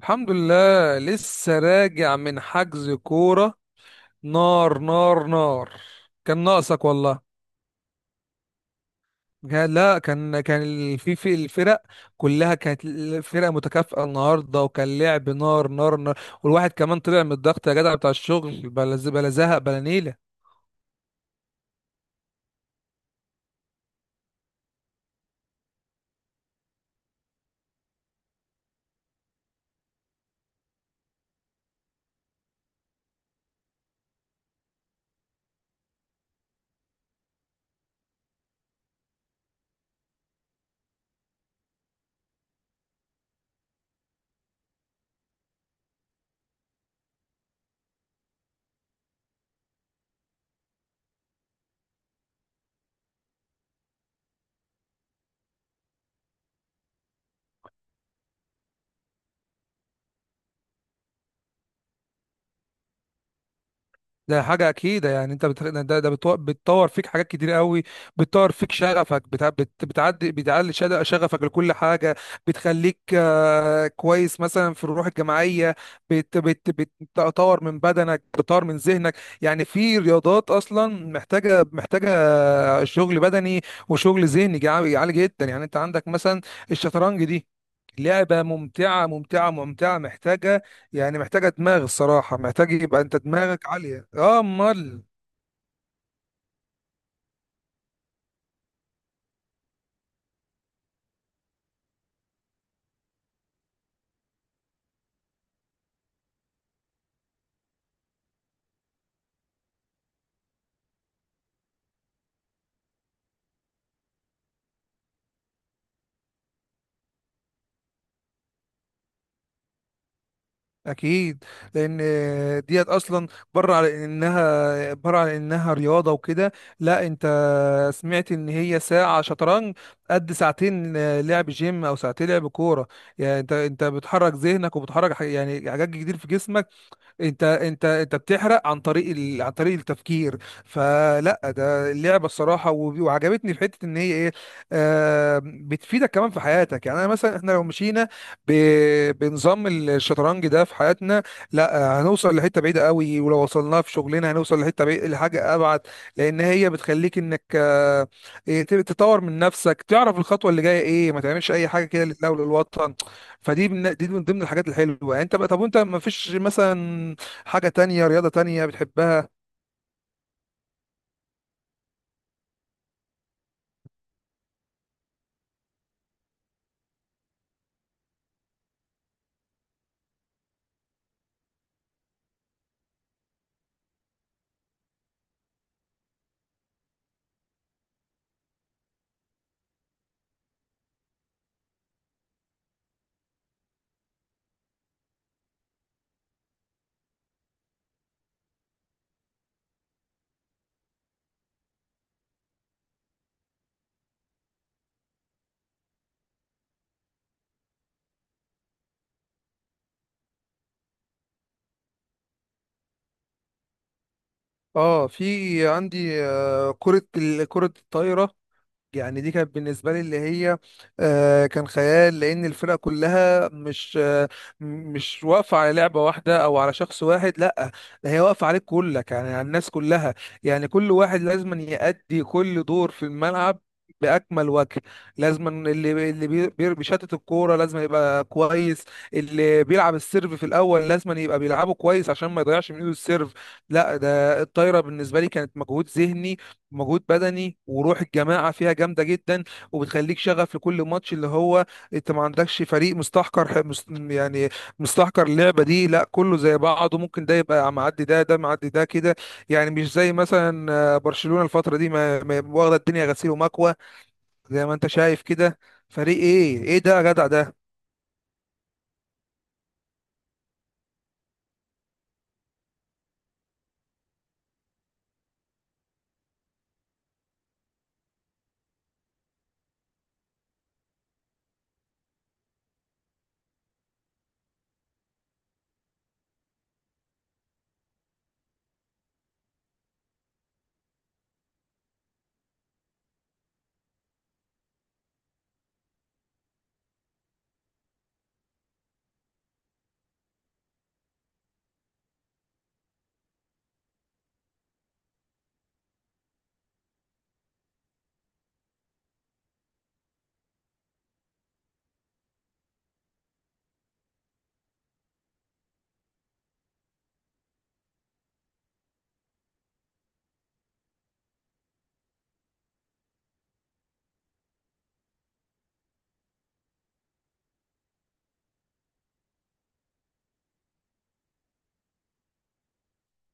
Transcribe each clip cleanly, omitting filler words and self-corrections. الحمد لله لسه راجع من حجز كورة. نار نار نار. كان ناقصك والله. لا كان في الفرق كلها كانت الفرق متكافئة النهاردة، وكان لعب نار نار نار، والواحد كمان طلع من الضغط يا جدع بتاع الشغل، بلا زهق بلا نيلة. ده حاجة أكيدة. يعني أنت بت... ده ده بتو... بتطور فيك حاجات كتير قوي. بتطور فيك شغفك، بتعدي بتعلي شغفك لكل حاجة. بتخليك كويس مثلا في الروح الجماعية. بت... بت... بتطور من بدنك، بتطور من ذهنك. يعني في رياضات أصلا محتاجة شغل بدني وشغل ذهني عالي جدا. يعني أنت عندك مثلا الشطرنج دي، لعبة ممتعة ممتعة ممتعة محتاجة. يعني محتاجة دماغ الصراحة، محتاج يبقى انت دماغك عالية، اه امال. اكيد. لان ديت اصلا، بره على انها رياضة وكده. لا انت، سمعت ان هي ساعة شطرنج قد ساعتين لعب جيم او ساعتين لعب كورة. يعني انت بتحرك ذهنك وبتحرك يعني حاجات كتير في جسمك. انت بتحرق عن طريق عن طريق التفكير. فلا ده اللعبه الصراحه، وعجبتني في حته ان هي ايه. بتفيدك كمان في حياتك. يعني انا مثلا، احنا لو مشينا ب... بنظام الشطرنج ده في حياتنا، لا هنوصل لحته بعيده قوي، ولو وصلناها في شغلنا هنوصل لحته بعيدة لحاجه ابعد. لان هي بتخليك انك آه إيه، تطور من نفسك، تعرف الخطوه اللي جايه ايه، ما تعملش اي حاجه كده لله وللوطن. فدي، من دي من ضمن الحاجات الحلوه. يعني انت بقى، طب وانت ما فيش مثلا حاجه تانية، رياضه تانية بتحبها؟ اه، في عندي كره الطايره. يعني دي كانت بالنسبة لي اللي هي كان خيال، لأن الفرقة كلها مش مش واقفة على لعبة واحدة أو على شخص واحد، لأ. ده هي واقفة عليك كلك، يعني على الناس كلها. يعني كل واحد لازم يأدي كل دور في الملعب بأكمل وجه. لازم اللي بيشتت الكورة لازم يبقى كويس. اللي بيلعب السيرف في الأول لازم يبقى بيلعبه كويس عشان ما يضيعش من إيده السيرف. لا ده الطايرة بالنسبة لي كانت مجهود ذهني، مجهود بدني، وروح الجماعة فيها جامدة جدا، وبتخليك شغف لكل ماتش. اللي هو انت ما عندكش فريق مستحكر يعني مستحكر اللعبة دي، لا كله زي بعضه، ممكن ده يبقى معدي، ده معدي، ده كده. يعني مش زي مثلا برشلونة الفترة دي واخدة الدنيا غسيل ومكوى. زي ما انت شايف كده، فريق ايه ايه ده يا جدع ده؟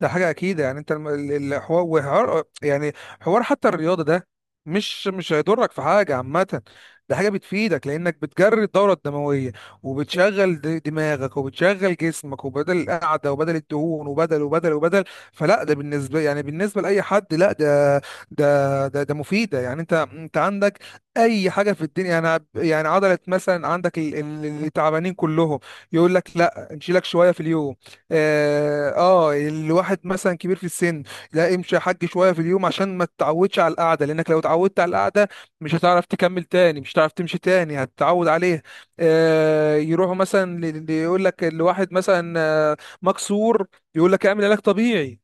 ده حاجة أكيد. يعني أنت الحوار، وحوار يعني حوار، حتى الرياضة ده مش هيضرك في حاجة عامة. ده حاجة بتفيدك، لأنك بتجري الدورة الدموية، وبتشغل دماغك، وبتشغل جسمك، وبدل القعدة وبدل الدهون وبدل وبدل وبدل. فلا ده بالنسبة، يعني بالنسبة لأي حد، لا ده، ده مفيدة. يعني أنت عندك أي حاجة في الدنيا. يعني يعني عضلة مثلا، عندك اللي تعبانين كلهم، يقول لك لا، نشيلك شوية في اليوم. اه، الواحد مثلا كبير في السن، لا امشي يا حاج شويه في اليوم عشان ما تتعودش على القعده، لانك لو اتعودت على القعده مش هتعرف تكمل تاني، مش هتعرف تمشي تاني، هتتعود عليها. يروحوا مثلا، يقول لك الواحد مثلا مكسور، يقول لك اعمل علاج طبيعي.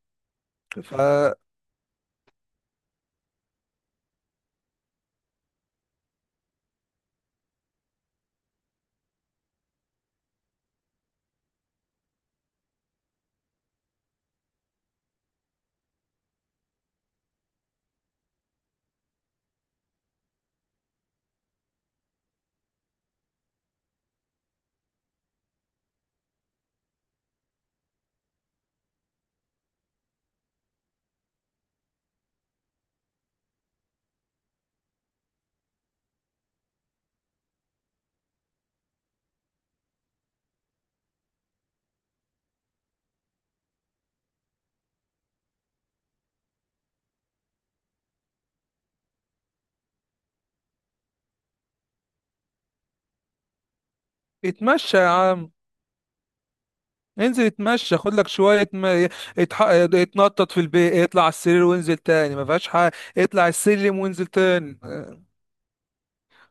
فاتمشى يا عم، انزل اتمشى خد لك شويه، ما اتنطط في البيت، اطلع على السرير وانزل تاني، ما فيهاش حاجه، اطلع السلم وانزل تاني.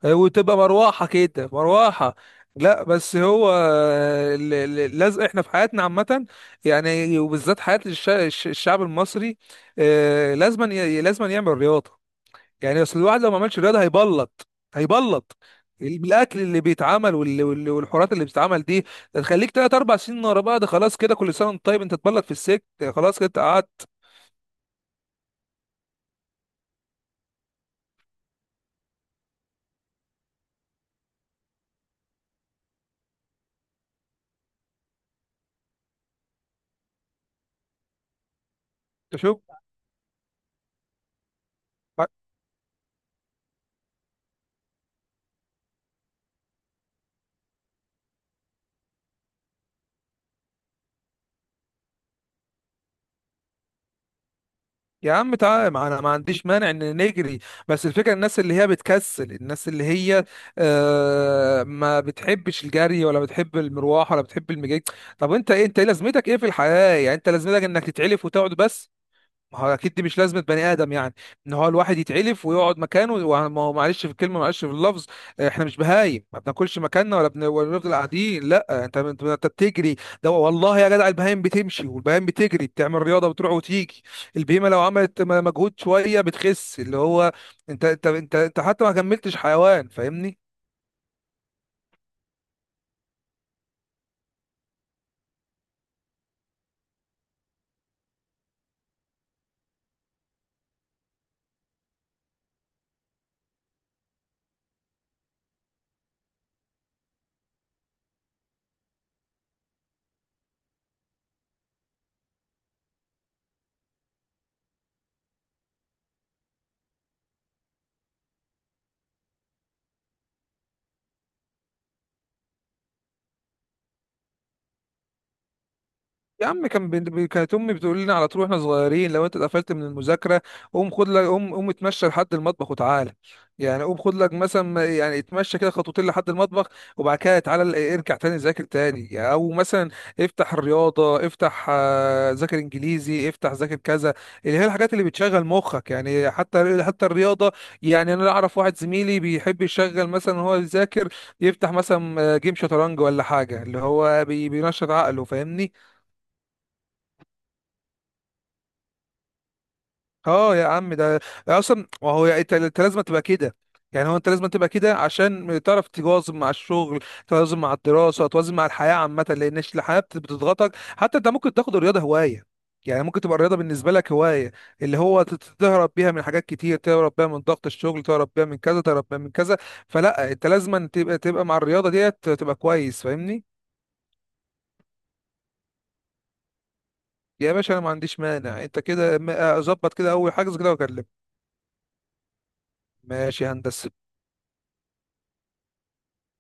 وتبقى مروحة كده مروحة. لا بس هو اللزق احنا في حياتنا عامة، يعني وبالذات حياة الشعب المصري لازما يعمل رياضة. يعني اصل الواحد لو ما عملش رياضة هيبلط. هيبلط. الاكل اللي بيتعمل والحورات اللي بتتعمل دي، ده تخليك تلات اربع سنين ورا بعض. خلاص كده كل سنة وانت طيب انت تبلط في السجن. خلاص كده أنت قعدت. شوف يا عم تعالى، ما انا ما عنديش مانع ان نجري. بس الفكره الناس اللي هي بتكسل، الناس اللي هي ما بتحبش الجري ولا بتحب المروح ولا بتحب المجيء. طب انت ايه، انت ايه لازمتك ايه في الحياه؟ يعني انت لازمتك انك تتعلف وتقعد بس؟ ما هو اكيد دي مش لازمه بني ادم، يعني ان هو الواحد يتعلف ويقعد مكانه، ما هو معلش في الكلمه، معلش في اللفظ. احنا مش بهايم، ما بناكلش مكاننا ولا ولا بنفضل قاعدين، لا انت انت أنت بتجري. ده والله يا جدع، البهايم بتمشي، والبهايم بتجري، بتعمل رياضه، بتروح وتيجي. البهيمه لو عملت مجهود شويه بتخس. اللي هو انت حتى ما كملتش حيوان، فاهمني؟ يا عم، كانت امي بتقول لنا على طول واحنا صغيرين، لو انت اتقفلت من المذاكره قوم خد لك، قوم اتمشى لحد المطبخ وتعالى. يعني قوم خد لك مثلا يعني اتمشى كده خطوتين لحد المطبخ، وبعد كده تعالى ارجع تاني ذاكر تاني. يعني او مثلا افتح الرياضه، افتح ذاكر انجليزي، افتح ذاكر كذا، اللي هي الحاجات اللي بتشغل مخك. يعني حتى الرياضه. يعني انا اعرف واحد زميلي بيحب يشغل مثلا وهو بيذاكر، يفتح مثلا جيم شطرنج ولا حاجه اللي هو بينشط عقله، فاهمني؟ اه يا عم ده اصلا، ما هو انت لازم تبقى كده. يعني هو انت لازم تبقى كده عشان تعرف تواظب مع الشغل، توازن مع الدراسه، توازن مع الحياه عامه. لان الحياه بتضغطك. حتى انت ممكن تاخد الرياضه هوايه، يعني ممكن تبقى الرياضه بالنسبه لك هوايه، اللي هو تهرب بيها من حاجات كتير، تهرب بيها من ضغط الشغل، تهرب بيها من كذا، تهرب بيها من كذا. فلا انت لازم تبقى مع الرياضه ديت تبقى كويس، فاهمني؟ يا باشا انا ما عنديش مانع، انت كده ظبط كده اول حاجه كده واكلمك. ماشي يا هندسه.